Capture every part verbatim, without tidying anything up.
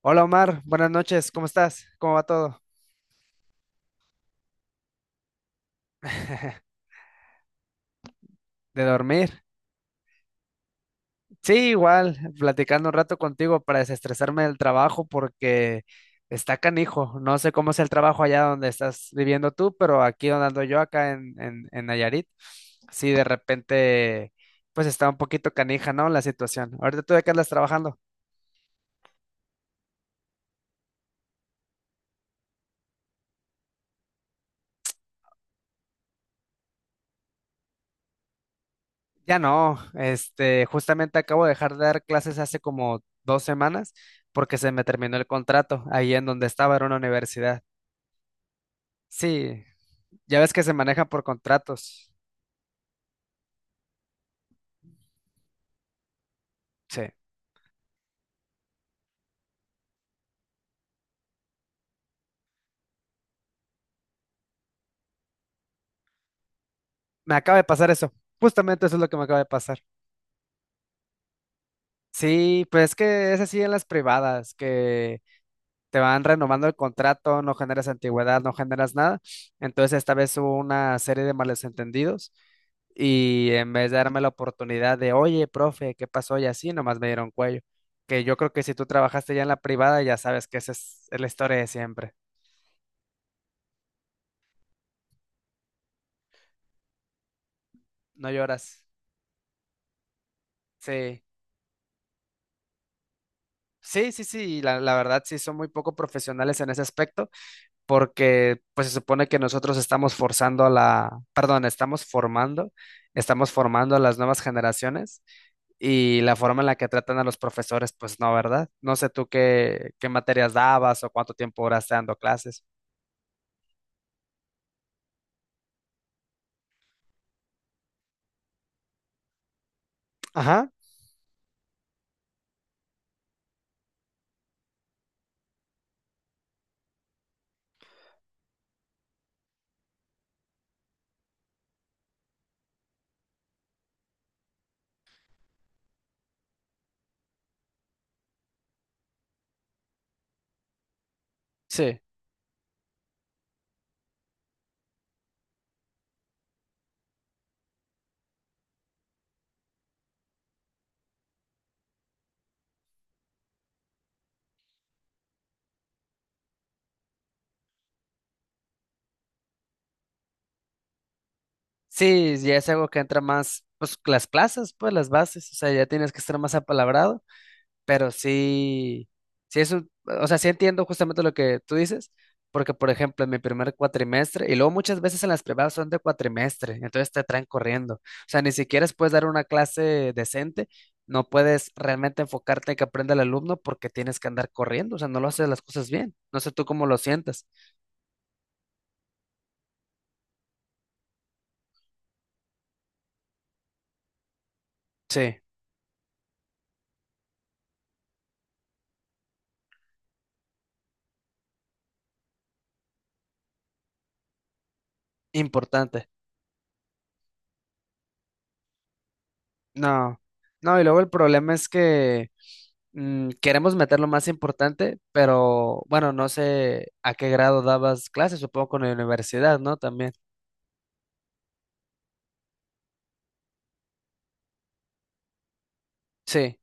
Hola Omar, buenas noches, ¿cómo estás? ¿Cómo va todo? ¿De dormir? Sí, igual, platicando un rato contigo para desestresarme del trabajo porque está canijo. No sé cómo es el trabajo allá donde estás viviendo tú, pero aquí donde ando yo, acá en, en, en Nayarit, sí, de repente, pues está un poquito canija, ¿no? La situación. Ahorita tú de qué andas trabajando. Ya no, este, justamente acabo de dejar de dar clases hace como dos semanas porque se me terminó el contrato ahí en donde estaba, era una universidad. Sí. Ya ves que se maneja por contratos. Sí. Me acaba de pasar eso. Justamente eso es lo que me acaba de pasar. Sí, pues es que es así en las privadas, que te van renovando el contrato, no generas antigüedad, no generas nada. Entonces esta vez hubo una serie de malos entendidos y en vez de darme la oportunidad de, oye, profe, ¿qué pasó? Y así, nomás me dieron cuello. Que yo creo que si tú trabajaste ya en la privada, ya sabes que esa es la historia de siempre. No lloras. Sí. Sí, sí, sí, la, la verdad sí son muy poco profesionales en ese aspecto, porque pues se supone que nosotros estamos forzando a la, perdón, estamos formando, estamos formando a las nuevas generaciones y la forma en la que tratan a los profesores, pues no, ¿verdad? No sé tú qué, qué materias dabas o cuánto tiempo duraste dando clases. Ajá, sí. Sí, ya es algo que entra más, pues las plazas, pues las bases, o sea, ya tienes que estar más apalabrado. Pero sí, sí es un, o sea, sí entiendo justamente lo que tú dices, porque por ejemplo, en mi primer cuatrimestre, y luego muchas veces en las privadas son de cuatrimestre, entonces te traen corriendo. O sea, ni siquiera puedes dar una clase decente, no puedes realmente enfocarte en que aprenda el alumno porque tienes que andar corriendo, o sea, no lo haces las cosas bien. No sé tú cómo lo sientas. Sí, importante. No, no, y luego el problema es que mm, queremos meter lo más importante, pero bueno, no sé a qué grado dabas clases, supongo con la universidad, ¿no? También. Sí,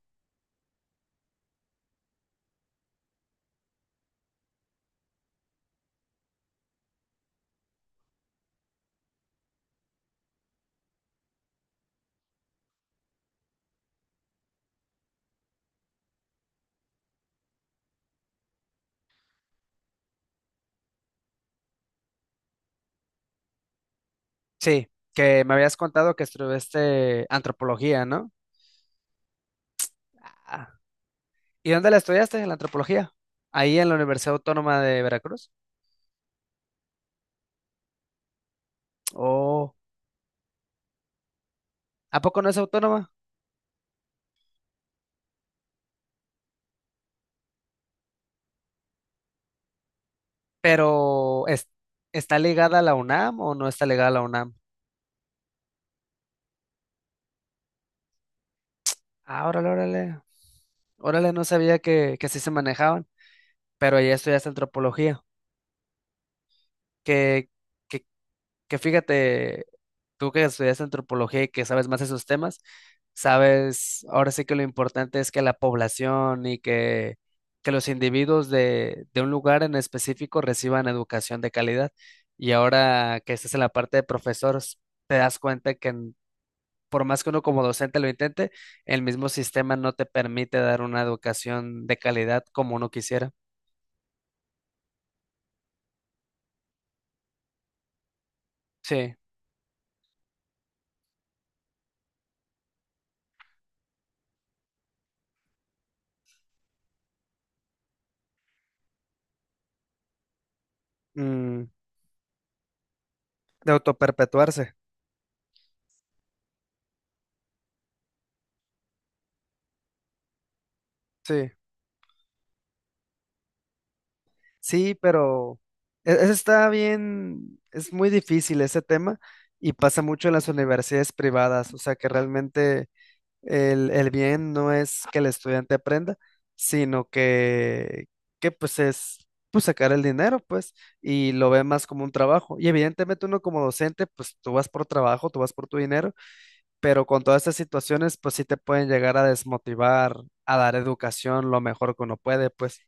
sí, que me habías contado que estudiaste antropología, ¿no? Ah, ¿y dónde la estudiaste, la antropología? Ahí en la Universidad Autónoma de Veracruz. Oh, ¿a poco no es autónoma? Pero es- ¿está ligada a la U N A M o no está ligada a la U N A M? Ah, órale, órale. Órale, no sabía que, que así se manejaban, pero ahí estudiaste antropología. ¿Qué, qué que fíjate, tú que estudias antropología y que sabes más esos temas, sabes, ahora sí que lo importante es que la población y que, que los individuos de, de un lugar en específico reciban educación de calidad. Y ahora que estás en la parte de profesores, te das cuenta que en- por más que uno como docente lo intente, el mismo sistema no te permite dar una educación de calidad como uno quisiera. Sí. Mm, de autoperpetuarse. Sí. Sí, pero e- ese está bien, es muy difícil ese tema y pasa mucho en las universidades privadas, o sea que realmente el, el bien no es que el estudiante aprenda, sino que, que pues es pues sacar el dinero, pues, y lo ve más como un trabajo. Y evidentemente uno como docente, pues tú vas por trabajo, tú vas por tu dinero, pero con todas estas situaciones, pues sí te pueden llegar a desmotivar, a dar educación lo mejor que uno puede, pues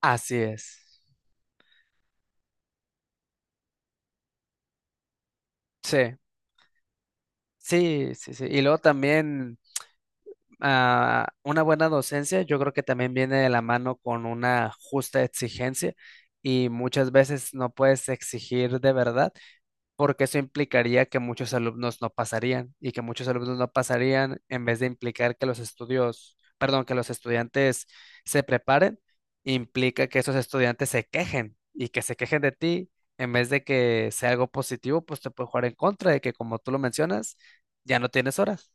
así es. Sí. Sí, sí, sí. Y luego también ah, una buena docencia, yo creo que también viene de la mano con una justa exigencia y muchas veces no puedes exigir de verdad porque eso implicaría que muchos alumnos no pasarían y que muchos alumnos no pasarían en vez de implicar que los estudios, perdón, que los estudiantes se preparen, implica que esos estudiantes se quejen y que se quejen de ti en vez de que sea algo positivo, pues te puede jugar en contra de que como tú lo mencionas, ya no tienes horas.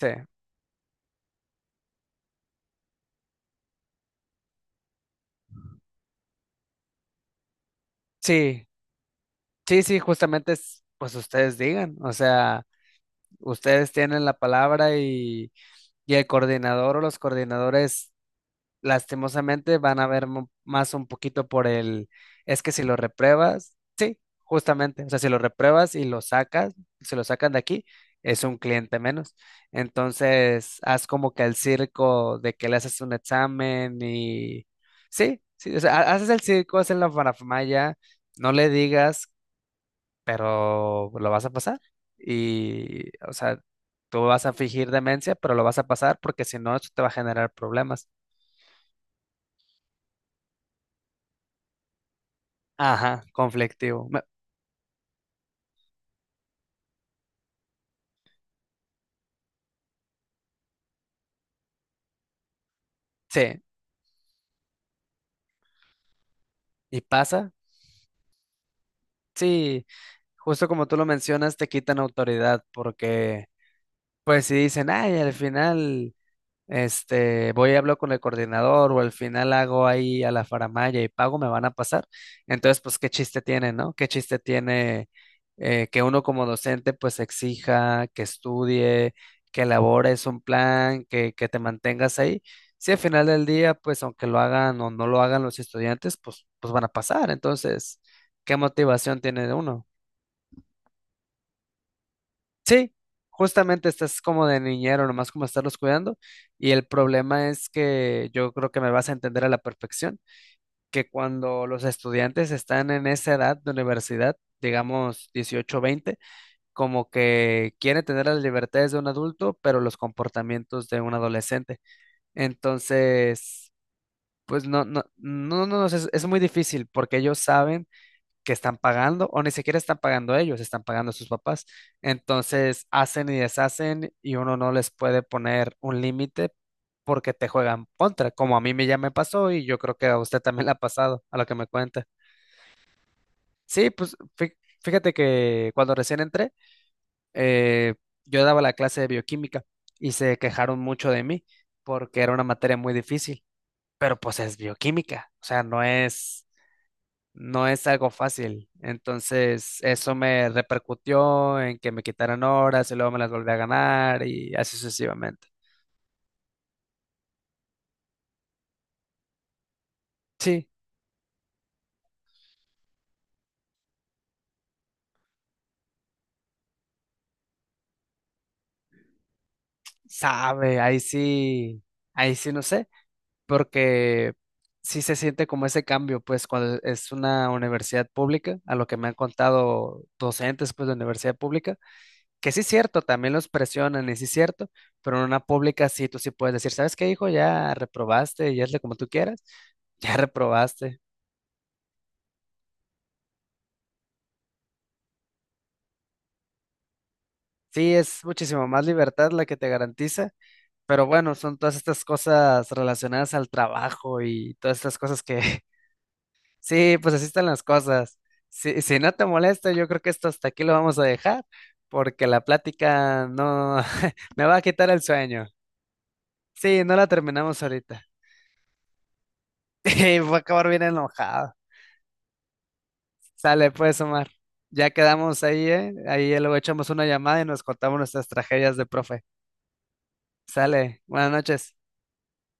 Sí, sí, sí, sí, justamente es, pues ustedes digan, o sea, ustedes tienen la palabra y, y el coordinador o los coordinadores lastimosamente van a ver mu- más un poquito por el, es que si lo repruebas, sí, justamente, o sea, si lo repruebas y lo sacas, si lo sacan de aquí, es un cliente menos. Entonces, haz como que el circo de que le haces un examen y, sí, sí, o sea, ha- haces el circo, haces la farafamaya. No le digas pero lo vas a pasar. Y, o sea, tú vas a fingir demencia, pero lo vas a pasar porque si no, eso te va a generar problemas. Ajá, conflictivo. Me- sí, ¿y pasa? Sí, justo como tú lo mencionas, te quitan autoridad porque, pues si dicen, ay, al final... Este, voy y hablo con el coordinador o al final hago ahí a la faramalla y pago, me van a pasar. Entonces, pues, ¿qué chiste tiene, no? ¿Qué chiste tiene eh, que uno como docente pues exija que estudie, que elabores un plan, que, que te mantengas ahí? Si al final del día, pues, aunque lo hagan o no lo hagan los estudiantes, pues, pues van a pasar. Entonces, ¿qué motivación tiene uno? Sí, justamente estás como de niñero, nomás como estarlos cuidando. Y el problema es que yo creo que me vas a entender a la perfección, que cuando los estudiantes están en esa edad de universidad, digamos dieciocho veinte, como que quieren tener las libertades de un adulto, pero los comportamientos de un adolescente. Entonces, pues no, no, no, no, no, es, es muy difícil porque ellos saben que están pagando, o ni siquiera están pagando ellos, están pagando a sus papás. Entonces hacen y deshacen y uno no les puede poner un límite porque te juegan contra, como a mí me ya me pasó y yo creo que a usted también le ha pasado, a lo que me cuenta. Sí, pues fí- fíjate que cuando recién entré, eh, yo daba la clase de bioquímica y se quejaron mucho de mí porque era una materia muy difícil, pero pues es bioquímica, o sea, no es no es algo fácil. Entonces, eso me repercutió en que me quitaran horas y luego me las volví a ganar y así sucesivamente. Sí, sabe, ahí sí, ahí sí no sé, porque sí se siente como ese cambio, pues cuando es una universidad pública, a lo que me han contado docentes, pues de universidad pública, que sí es cierto, también los presionan y sí es cierto, pero en una pública sí, tú sí puedes decir, ¿sabes qué, hijo? Ya reprobaste, ya hazle como tú quieras, ya reprobaste. Sí, es muchísimo más libertad la que te garantiza, pero bueno, son todas estas cosas relacionadas al trabajo y todas estas cosas que, sí, pues así están las cosas. Si, si no te molesta, yo creo que esto hasta aquí lo vamos a dejar, porque la plática no me va a quitar el sueño. Sí, no la terminamos ahorita. Y voy a acabar bien enojado. Sale, pues, Omar. Ya quedamos ahí, ¿eh? Ahí luego echamos una llamada y nos contamos nuestras tragedias de profe. Sale, buenas noches.